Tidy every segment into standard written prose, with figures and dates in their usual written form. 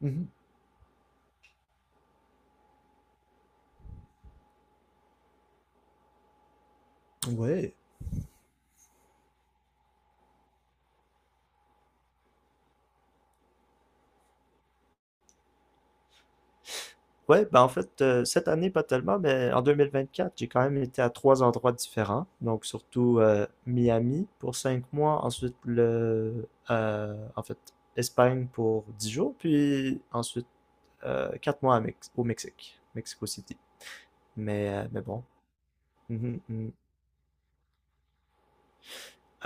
Mhm. Ouais. Ouais, ben en fait, cette année, pas tellement, mais en 2024 j'ai quand même été à trois endroits différents. Donc, surtout Miami pour 5 mois, ensuite en fait, Espagne pour 10 jours, puis ensuite 4 mois à au Mexique, Mexico City. Mais bon. Mhm, mhm.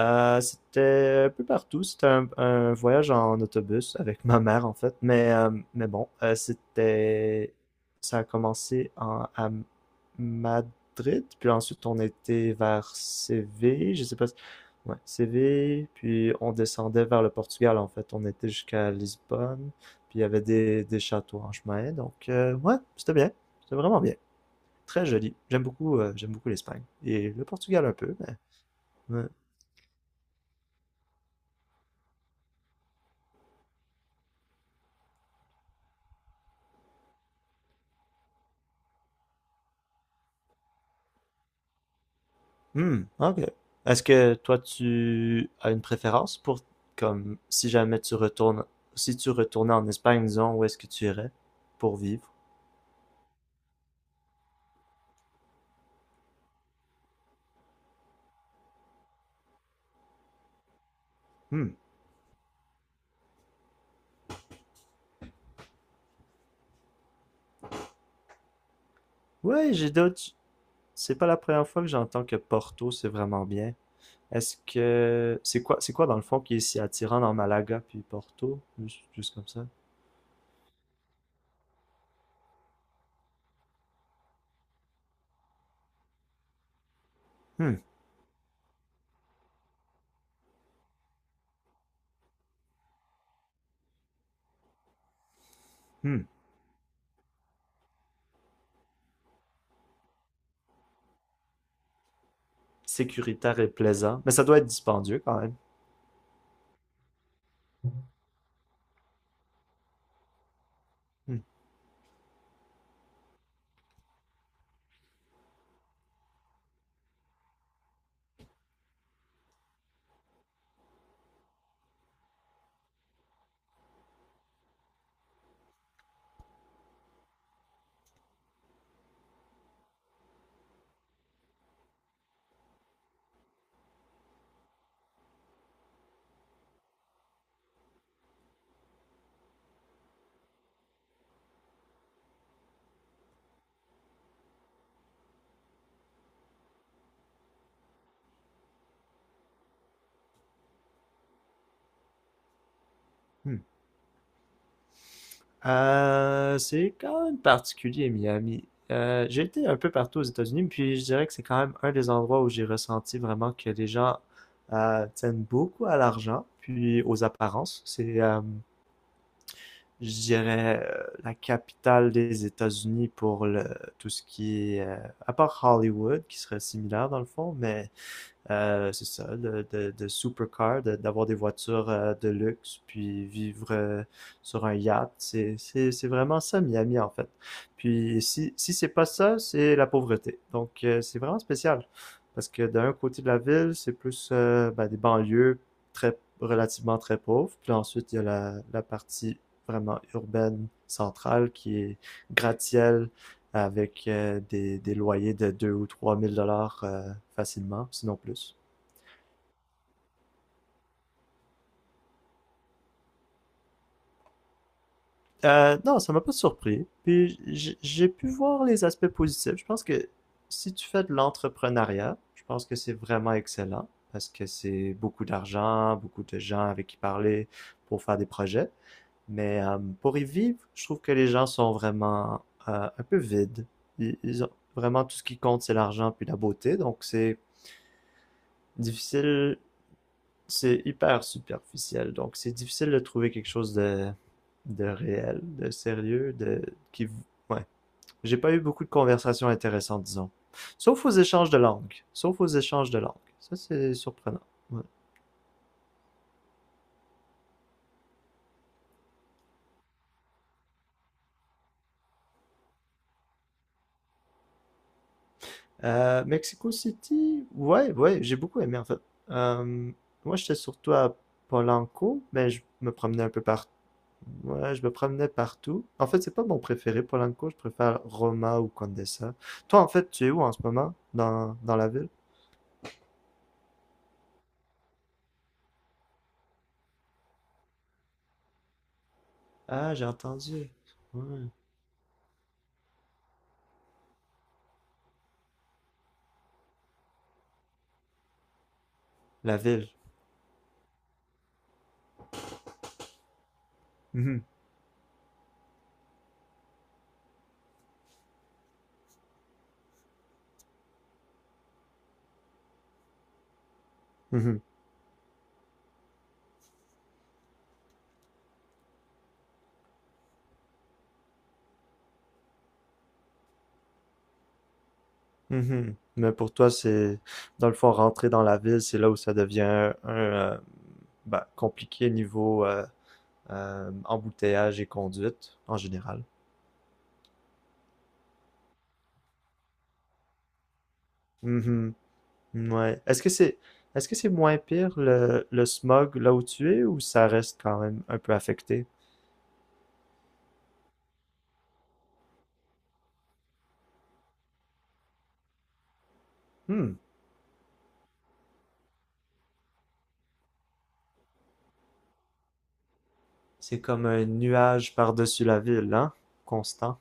C'était un peu partout. C'était un voyage en autobus avec ma mère, en fait. Mais bon. Ça a commencé à Madrid, puis ensuite on était vers Séville, je sais pas si. Ouais, Séville, puis on descendait vers le Portugal, en fait. On était jusqu'à Lisbonne, puis il y avait des châteaux en chemin. Donc, ouais, c'était bien. C'était vraiment bien. Très joli. J'aime beaucoup l'Espagne. Et le Portugal un peumais Hmm, ok. Est-ce que toi tu as une préférence pour comme si jamais tu retournes si tu retournais en Espagne, disons, où est-ce que tu irais pour vivre? Hmm. Ouais, j'ai d'autres. C'est pas la première fois que j'entends que Porto, c'est vraiment bien. Est-ce que c'est quoi dans le fond qui est si attirant dans Malaga puis Porto? Juste comme ça. Hmm, hmm. Sécuritaire et plaisant, mais ça doit être dispendieux quand même. Hmm, hmm. C'est quand même particulier, Miami. J'ai été un peu partout aux États-Unis, puis je dirais que c'est quand même un des endroits où j'ai ressenti vraiment que les gens tiennent beaucoup à l'argent, puis aux apparences. Je dirais, la capitale des États-Unis pour tout ce qui est, à part Hollywood, qui serait similaire dans le fond, mais c'est ça, de supercar, d'avoir des voitures de luxe, puis vivre sur un yacht. C'est vraiment ça, Miami, en fait. Puis si c'est pas ça, c'est la pauvreté. Donc, c'est vraiment spécial. Parce que d'un côté de la ville, c'est plus ben, des banlieues relativement très pauvres. Puis ensuite, il y a la partie vraiment urbaine centrale qui est gratte-ciel avec des loyers de 2 000 ou 3 000 dollars facilement, sinon plus. Non, ça m'a pas surpris. Puis j'ai pu voir les aspects positifs. Je pense que si tu fais de l'entrepreneuriat, je pense que c'est vraiment excellent parce que c'est beaucoup d'argent, beaucoup de gens avec qui parler pour faire des projets. Mais pour y vivre, je trouve que les gens sont vraiment un peu vides. Ils ont vraiment tout ce qui compte, c'est l'argent puis la beauté. Donc difficile c'est hyper superficiel, donc c'est difficile de trouver quelque chose de réel, de sérieux, de qui ouais. J'ai pas eu beaucoup de conversations intéressantes, disons. Sauf aux échanges de langues. Sauf aux échanges de langues. Ça, c'est surprenant. Ouais. Mexico City, ouais, ouais, j'ai beaucoup aimé en fait. Euh, moi, j'étais surtout à Polanco, mais je me promenais un peu partout. Ouais, je me promenais partout. En fait, c'est pas mon préféré, Polanco. Je préfère Roma ou Condessa. Toi, en fait, tu es où en ce moment? Dans la ville? Ah, j'ai entendu. Ouais. La ville. Mhm, mhm, mhm. Mais pour toi, c'est, dans le fond, rentrer dans la ville, c'est là où ça devient un, euh, bah, compliqué niveau embouteillage et conduite, en général. Mhm, Ouais. Est-ce que c'est moins pire le smog là où tu es, ou ça reste quand même un peu affecté? Hmm. C'est comme un nuage par-dessus la ville, hein? Constant.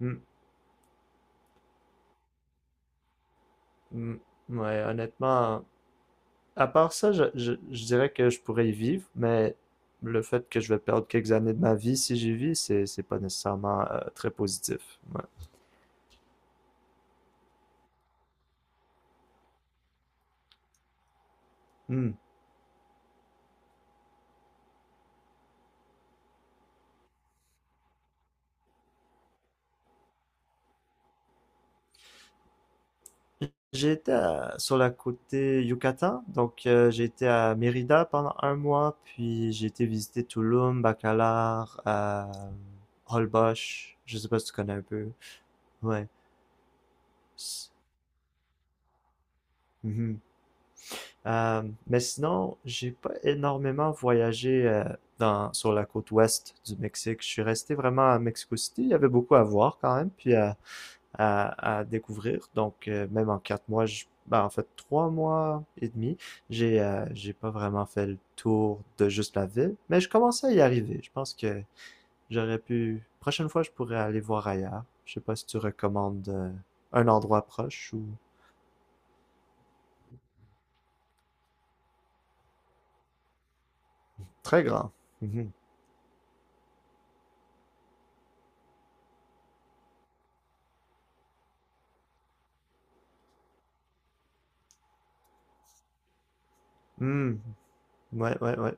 Hmm. Hmm. Ouais, honnêtement, à part ça, je dirais que je pourrais y vivre, mais le fait que je vais perdre quelques années de ma vie si j'y vis, c'est pas nécessairement très positif. Ouais. Hmm. J'ai été sur la côte Yucatan, donc j'ai été à Mérida pendant un mois, puis j'ai été visiter Tulum, Bacalar, Holbox, je sais pas si tu connais un peu. Ouais. Mhm. Mais sinon, j'ai pas énormément voyagé sur la côte ouest du Mexique. Je suis resté vraiment à Mexico City. Il y avait beaucoup à voir quand même, puis à découvrir. Donc, même en 4 mois, ben, en fait, 3 mois et demi, j'ai pas vraiment fait le tour de juste la ville. Mais je commençais à y arriver. Je pense que j'aurais pu. Prochaine fois, je pourrais aller voir ailleurs. Je sais pas si tu recommandes un endroit proche ou très grand. Mhm. Mm. Ouais, ouais, ouais.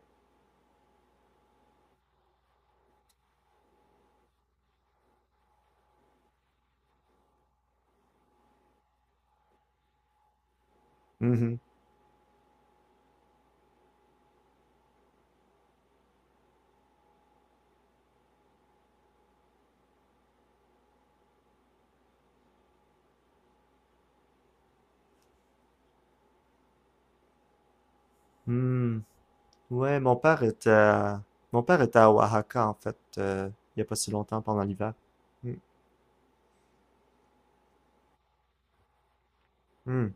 Mhm. Hmm. Ouais, mon père était à Oaxaca en fait, il y a pas si longtemps pendant l'hiver. Hmm. Hmm.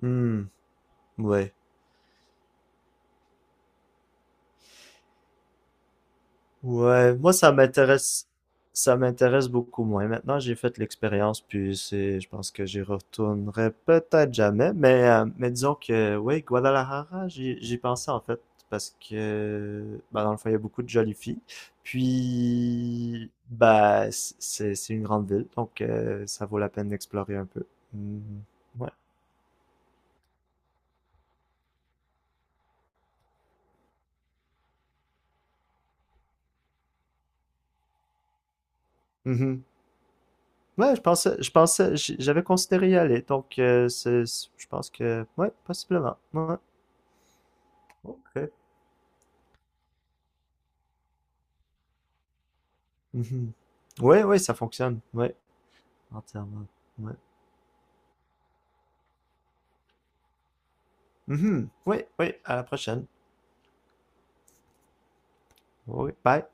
Hmm. Ouais. Ouais, moi ça m'intéresse beaucoup moins. Maintenant, j'ai fait l'expérience puis c'est je pense que j'y retournerai peut-être jamais, mais disons que oui, Guadalajara, j'y pensais en fait parce que bah dans le fond, il y a beaucoup de jolies filles. Puis bah c'est une grande ville, donc ça vaut la peine d'explorer un peu. Mhm. Ouais. Mhm. Ouais, je pensais, j'avais considéré y aller, donc je pense que, ouais, possiblement. Ouais. Ok. Mhm. Ouais, ouais, ça fonctionne. Ouais, entièrement. Ouais. Mhm. Ouais, ouais, à la prochaine. Ouais, bye.